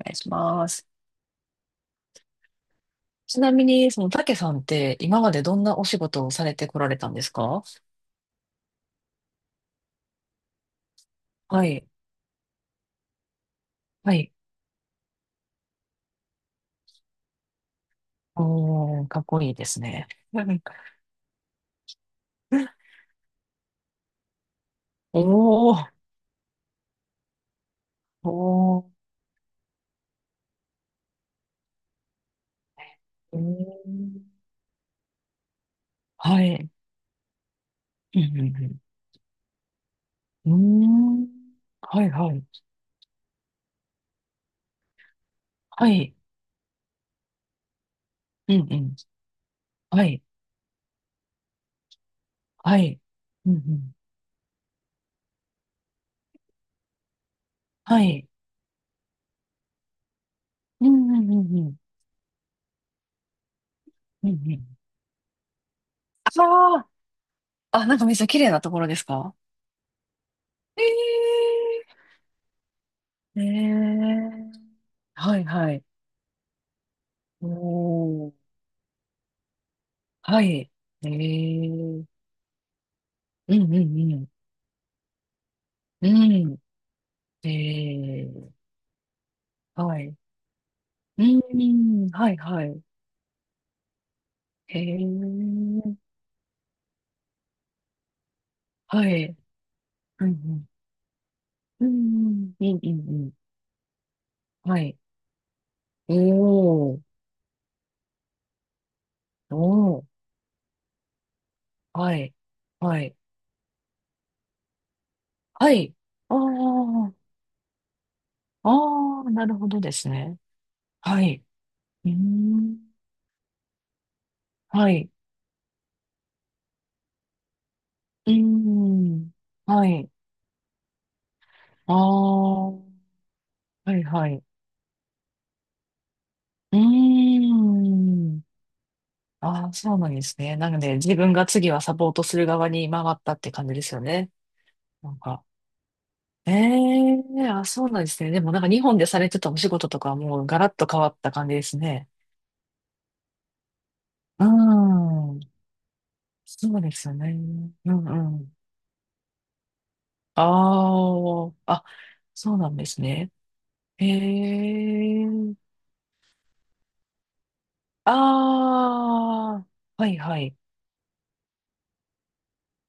お願いします。ちなみに、その、たけさんって、今までどんなお仕事をされてこられたんですか？はい。はい。おー、かっこいいですね。おー。おー。えー、はい。うん、うん、うん。うーん。はい、はい。はい。うん、うん。はい。はい。うん、うん。はい。うん、うん、うん、うん。うん、うん。ああ、あ、なんかめっちゃ綺麗なところですか？ええー、ええー。はいはい。おー。はい。ええ、うん。うんうん。うん。ええ、はい。うん、はいはい。ええ、はい。うんうん。うんうんうんうんうん。はい。おー。おー。はい。はい。はい。ああ。ああ、なるほどですね。はい。うーん。はい。うーん。はい。ああ、はいはい。うーん。ああ、そうなんですね。なので、自分が次はサポートする側に回ったって感じですよね。なんか。ええー、あ、そうなんですね。でもなんか日本でされてたお仕事とかはもうガラッと変わった感じですね。うん。そうですよね。うんうん。ああ、あ、そうなんですね。ええー、ああ、はいはい。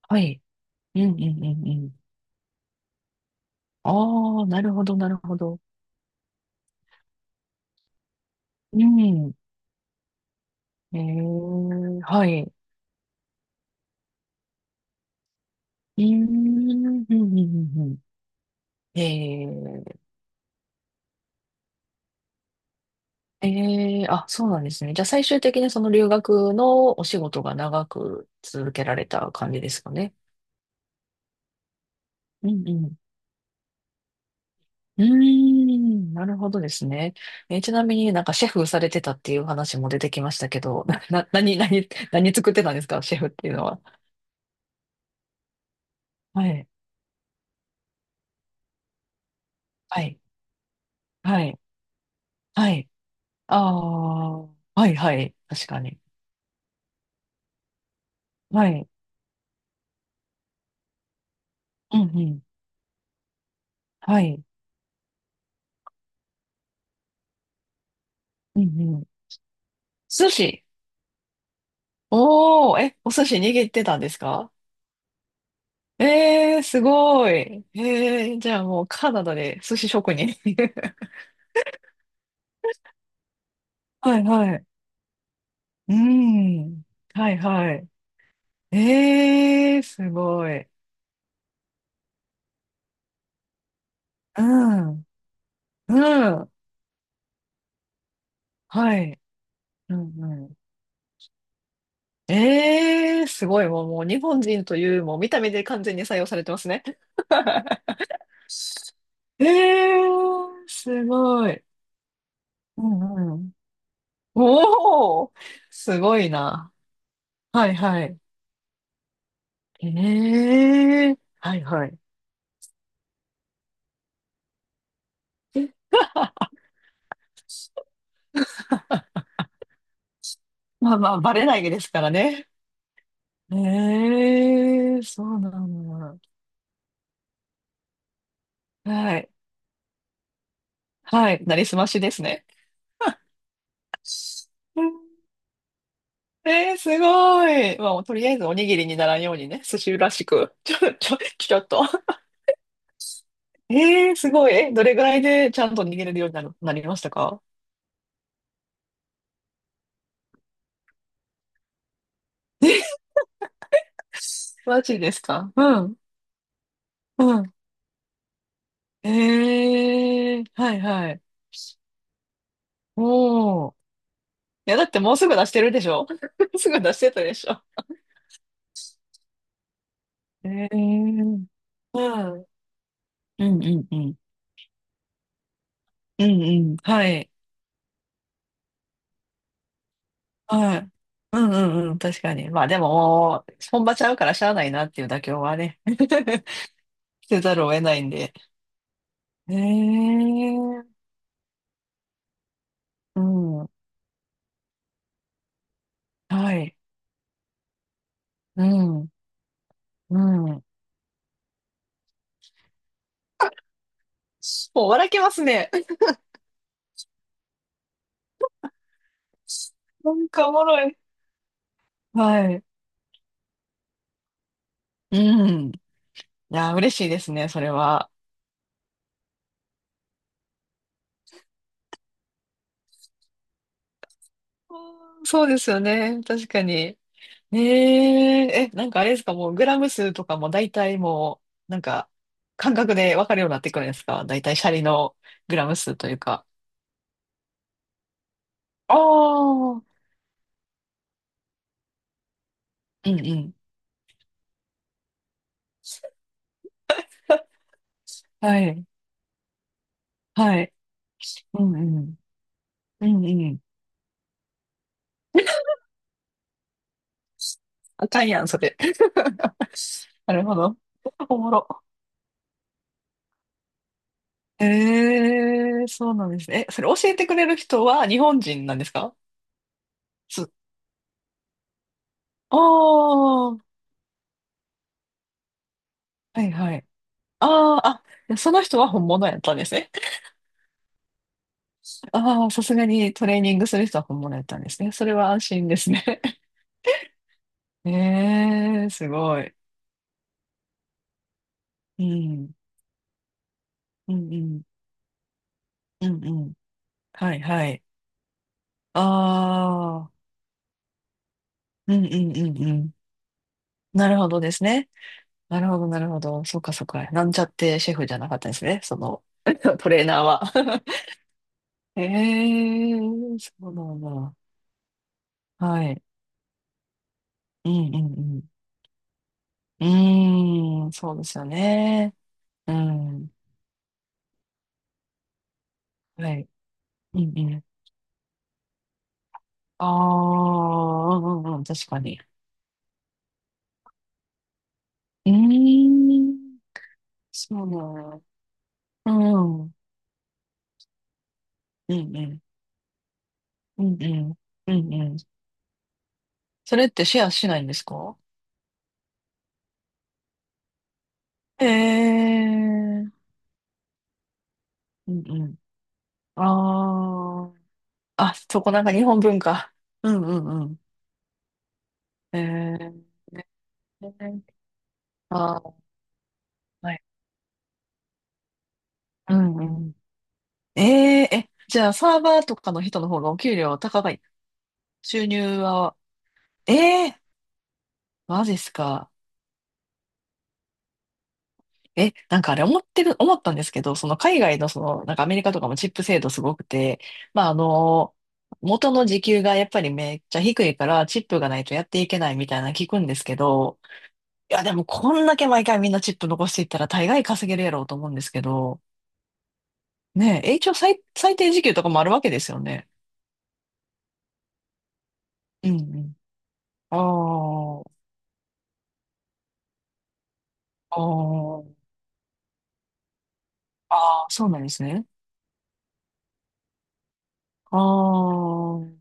はい。うんうんうんうん。ああ、なるほどなるほど。うん。ええ、はい。うーん、うん、うん、うん。うん、ええ、ええ、あ、そうなんですね。じゃあ最終的にその留学のお仕事が長く続けられた感じですかね。うん、うん。うーん、なるほどですね。えー、ちなみになんかシェフされてたっていう話も出てきましたけど、な、な、何、何、何作ってたんですか、シェフっていうのは？はい、はい、はい、はい。ああ、はい、はい、確かに。はい、うん、うん、はい、うん、うん。寿司。おー、え、お寿司握ってたんですか？えー、すごい。えー、じゃあもうカナダで寿司職人。はいはい。うん。はいはい。えー、すごい。うん。うん。はい。うんうん。えー、すごい。もう、もう日本人という、もう見た目で完全に採用されてますね。えー、すごい。うんうん。おー。すごいな。はいはい。ええ、はいはい。まあまあ、バレないですからね。ええ、そうなんだ。はい。はい。なりすましですね。うん。えー、すごい。まあ、もうとりあえずおにぎりにならんようにね、寿司らしく、ちょっと。えー、すごい。え、どれぐらいでちゃんと握れるようになりましたか？え。 マジですか？うん、うん。えー、はいはい。おー。いや、だってもうすぐ出してるでしょ？ すぐ出してたでしょ？ええー。はい。うんうんうん。うんうん。はい。はい。うんうんうん。確かに。まあでももう、本場ちゃうからしゃあないなっていう妥協はね。せざるを得ないんで。ええー。うん。はい。うん。うん。もう笑けますね。なんかおもろい。はい。うん。いや、嬉しいですね、それは。うん、そうですよね。確かに。えええ、なんかあれですか、もうグラム数とかも大体もう、なんか感覚でわかるようになってくるんですか、大体シャリのグラム数というか。ああ、うんうん。はい、はい。うんうん。うんうん。あかんやん、それ。なるほど。おもろ。ええ、そうなんですね。え、それ教えてくれる人は日本人なんですか？す、ああ、はいはい。ああ、あ、その人は本物やったんですね。ああ、さすがにトレーニングする人は本物やったんですね。それは安心ですね。ええ、すごい。うん。うんうん。うんうん。はいはい。ああ。うんうんうんうん。なるほどですね。なるほどなるほど。そうかそうか。なんちゃってシェフじゃなかったんですね。その、トレーナーは。ええ、そうなんだ。はい。うんうんうん。うーん、そうですよね。うん。はい。うんうん。ああ、うんうんうん、確かに。ええー、そうなの？うんうんうん、うんうん、うんうん。それってシェアしないんですか？ええー、うんうん。ああ、あ、そこなんか日本文化。うんうんうん。えー、あー、はい。うんうん。えええ、じゃあサーバーとかの人の方がお給料高い？収入は、ええ、マジっすか。え、なんかあれ思ったんですけど、その海外のその、なんかアメリカとかもチップ制度すごくて、まああの、元の時給がやっぱりめっちゃ低いからチップがないとやっていけないみたいなの聞くんですけど、いやでもこんだけ毎回みんなチップ残していったら大概稼げるやろうと思うんですけど、ねえ、一応最低時給とかもあるわけですよね。うんうん。ああ、ああ、ああ、そうなんですね。ああ、うん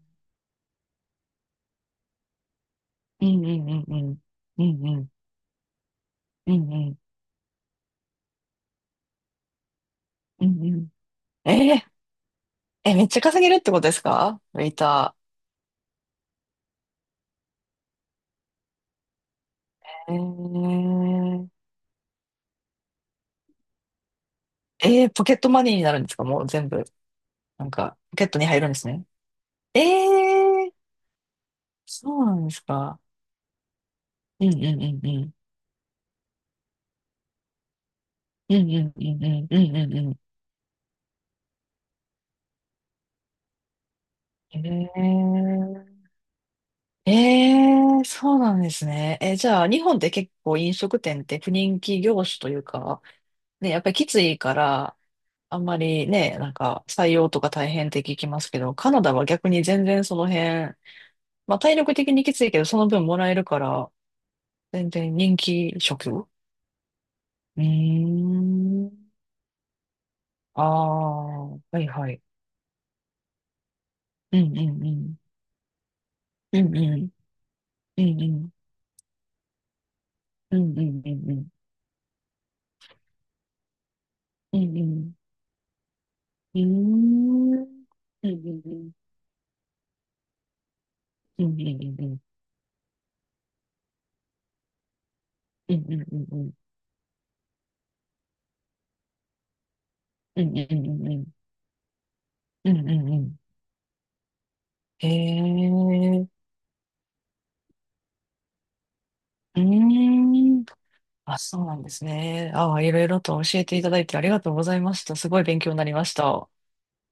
うんうんうん。うんうん。うんうん。うんうん。えええ、めっちゃ稼げるってことですか、ウェイター。えー、えー、ポケットマネーになるんですか、もう全部。なんか、ポケットに入るんですね。えー、そうなんですか？うんうんうんうん。うんうんうんうんうんうんうん。えー、えー、そうなんですね。え、じゃあ、日本って結構飲食店って不人気業種というか、ね、やっぱりきついから、あんまりね、なんか採用とか大変って聞きますけど、カナダは逆に全然その辺、まあ体力的にきついけど、その分もらえるから、全然人気職。うーん。ああ、はいはい。うんうんうん。うんうん。うんうん。うんうんうんうん。うんうん。うーん。うんうんうん。うんうんうんうん。うんうんうんうん。うんうんうんうん。うんうんうん。へえ。うーん。あ、そうなんですね。ああ、いろいろと教えていただいてありがとうございました。すごい勉強になりました。